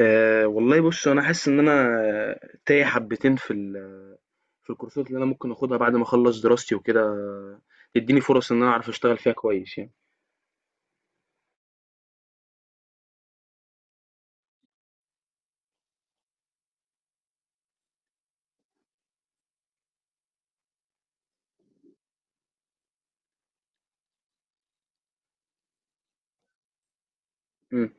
أه والله بص انا حاسس ان انا تايه حبتين في الكورسات اللي انا ممكن اخدها بعد ما اخلص دراستي وكده، تديني فرص ان انا اعرف اشتغل فيها كويس يعني. مم.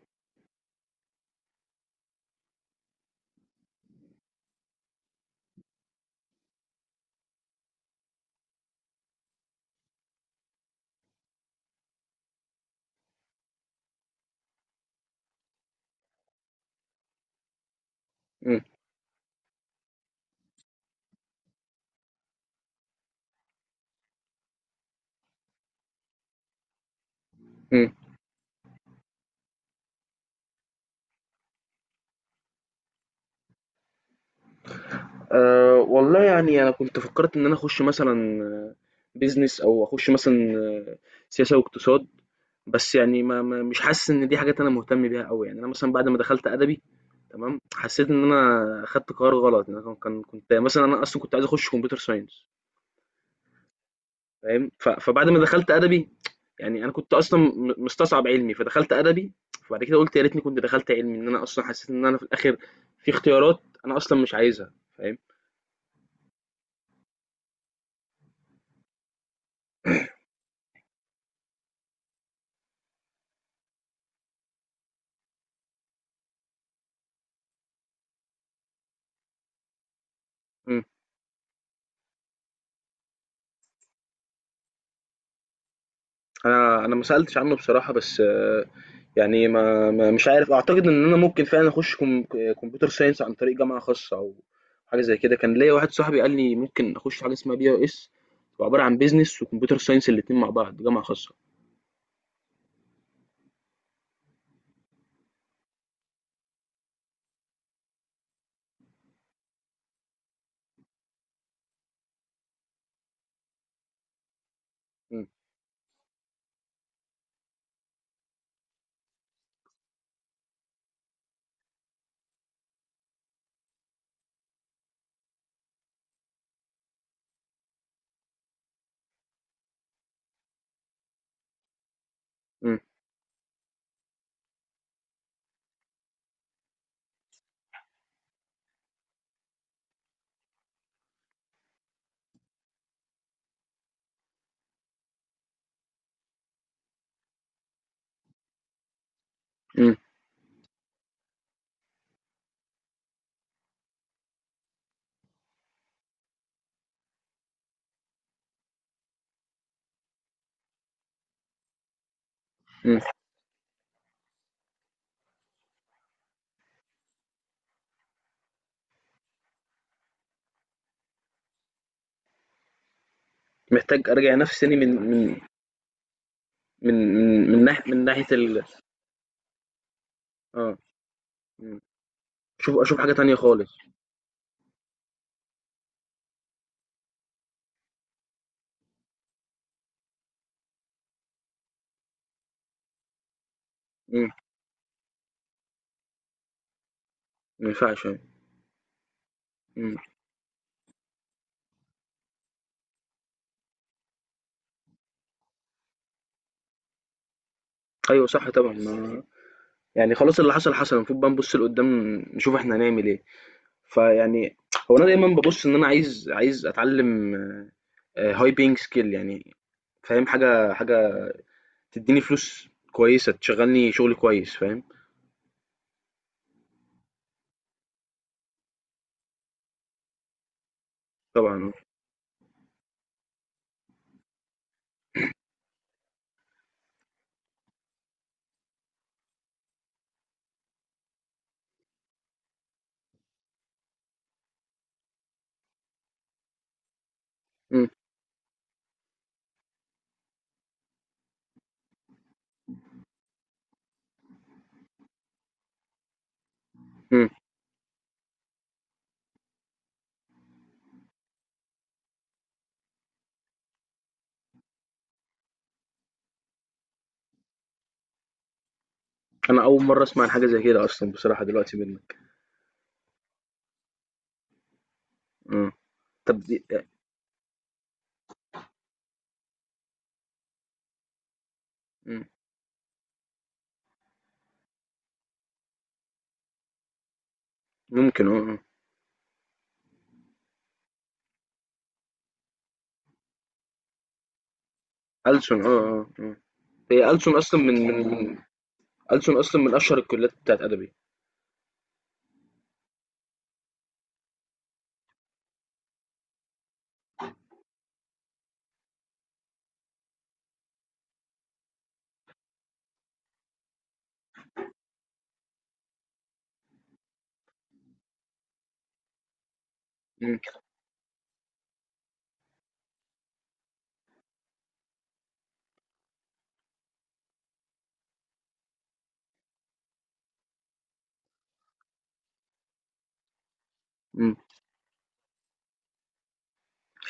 مم. مم. أه والله يعني انا كنت فكرت ان انا اخش مثلا بيزنس او اخش مثلا سياسه واقتصاد. بس يعني مش حاسس ان دي حاجات انا مهتم بيها قوي يعني. انا مثلا بعد ما دخلت ادبي تمام، حسيت ان انا خدت قرار غلط يعني. أنا كنت مثلا، انا اصلا كنت عايز اخش كمبيوتر ساينس فاهم؟ فبعد ما دخلت ادبي يعني أنا كنت أصلًا مستصعب علمي، فدخلت أدبي، فبعد كده قُلت يا ريتني كنت دخلت علمي، إن أنا أصلًا حسيت إن أنا في الآخر في اختيارات أنا أصلًا مش عايزها، فاهم؟ إمم. أنا ما سألتش عنه بصراحة، بس يعني ما ما مش عارف، أعتقد إن أنا ممكن فعلًا أخُش كم ك computer science عن طريق جامعة خاصة أو حاجة زي كده. كان ليّا واحد صاحبي قال لي ممكن أخُش حاجة اسمها BIS، هو عبارة عن business وcomputer science الاتنين مع بعض، جامعة خاصة. إمم. إمم. إمم. إمم. محتاج أراجع نفسي تاني من ناحية آه، إمم. أشوف حاجة تانية خالص. إمم. ما ينفعش يعني. إمم. أيوه صح طبعًا، ما يعني خلاص اللي حصل حصل، المفروض بقى نبُص لقدّام نشوف إحنا هنعمل إيه. فيعني هو أنا دايمًا بابُص إن أنا عايز أتعلّم high paying skill يعني فاهم، حاجة تدّيني فلوس كويسة، تشغّلني شغل كويس فاهم. طبعًا آه. إمم. إمم. أنا أول مرّة أسمع عن حاجة زي كده أصلًا بصراحة دلوقتي منّك. آه، طَب دي أ، إمم، ممكن آه، آه، ألسُن آه، آه، آه. هي ألسن أصلا من من من، ألسن أصلا من أشهر الكليات بتاعة أدبي. إمم. إمم.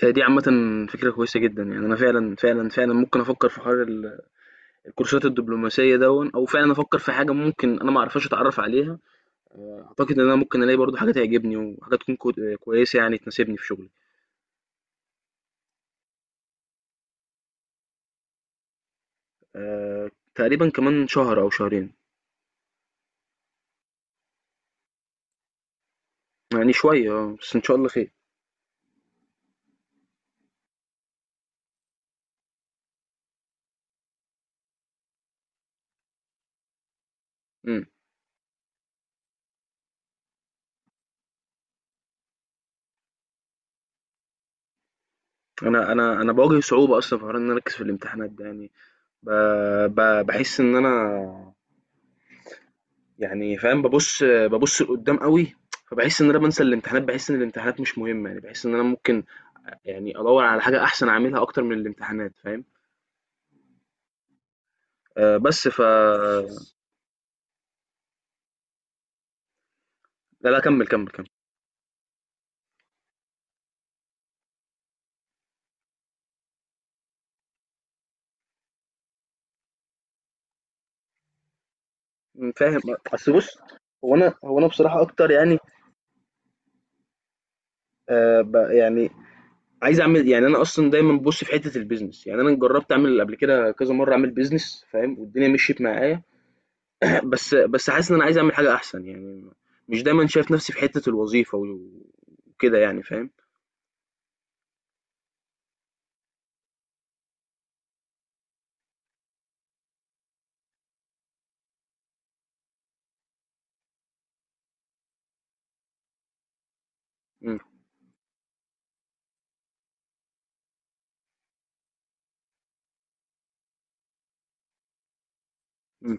هي دي عامةً فكرة كويسة جدًا، يعني أنا فعلًا، فعلًا، فعلًا ممكن أفكّر في حوار الكورسات الدبلوماسية دوًّا أو فعلًا أفكّر في حاجة ممكن أنا ما أعرفهاش أتعرّف عليها، أعتقد إن أنا ممكن ألاقي برضه حاجة تعجبني وحاجة تكون كو كويسة يعني تناسبني في شغلي. تقريبًا كمان شهر أو شهرين. يعني شوية آه، بس إن شاء الله خير. إمم. أنا باواجه صعوبة أصلًا في حوار إن أنا أركّز في الامتحانات ده يعني ب ب باحس إن أنا يعني فاهم ببص لقدام قوي. فبحس ان انا بنسى الامتحانات، بحس ان الامتحانات مش مهمه يعني، بحس ان انا ممكن يعني ادور على حاجه احسن اعملها اكتر من الامتحانات فاهم. آه بس لا لا كمل كمل كمل. فاهم. اصل بص هو انا بصراحه اكتر يعني يعني عايز اعمل يعني انا اصلا دايما ببص في حته البيزنس يعني، انا جربت اعمل قبل كده كذا مره اعمل بيزنس فاهم، والدنيا مشيت معايا. بس بس حاسس ان انا عايز اعمل حاجه احسن يعني. مش دايما شايف نفسي في حته الوظيفه وكده يعني فاهم. إمم. إمم.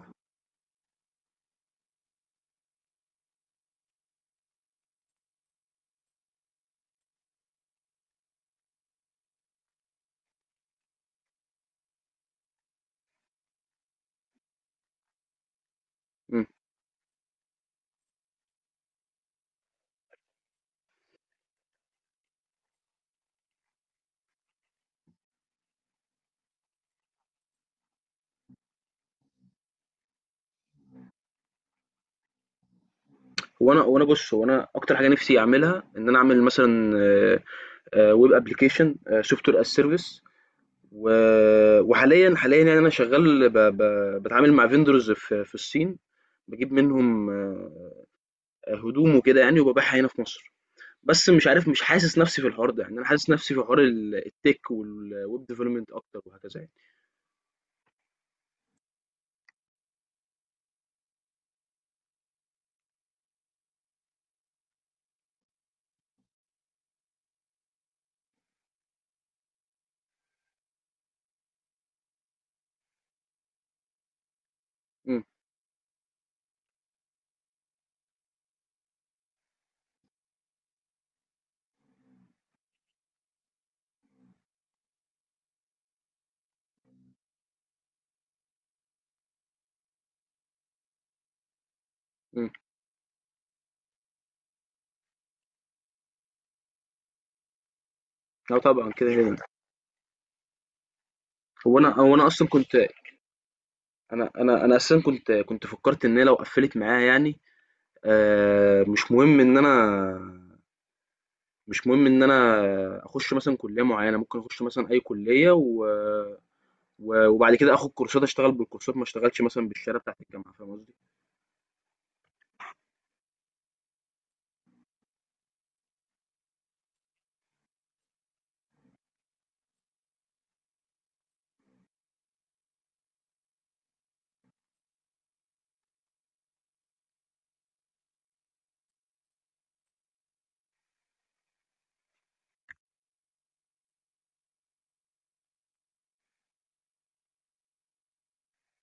إمم. هو أنا بُص، هو أنا أكتر حاجة نِفْسي أعملها إن أنا أعمل مثلًا web application software as service و وحاليًا يعني أنا شغّال ب ب باتعامل مع vendors في الصين، باجيب منهم هدوم وكده يعني وبابيعها هنا في مصر. بس مش عارف، مش حاسس نَفْسي في الحوار ده، يعني أنا حاسس نَفْسي في حوار ال الtech والweb development أكتر وهكذا يعني. إمم. إمم. آه طبعًا كده، كده. هو أنا أصلًا كنت أنا أساسًا كنت فكّرت إن هي لو قفّلت معايا يعني آه، مش مهم ان انا مش مهم ان انا اخش مثلا كليه معينه ممكن اخش مثلا اي كليه وبعد كده اخد كورسات اشتغل بالكورسات ما اشتغلش مثلا بالشهاده بتاعت الجامعه فاهم قصدي.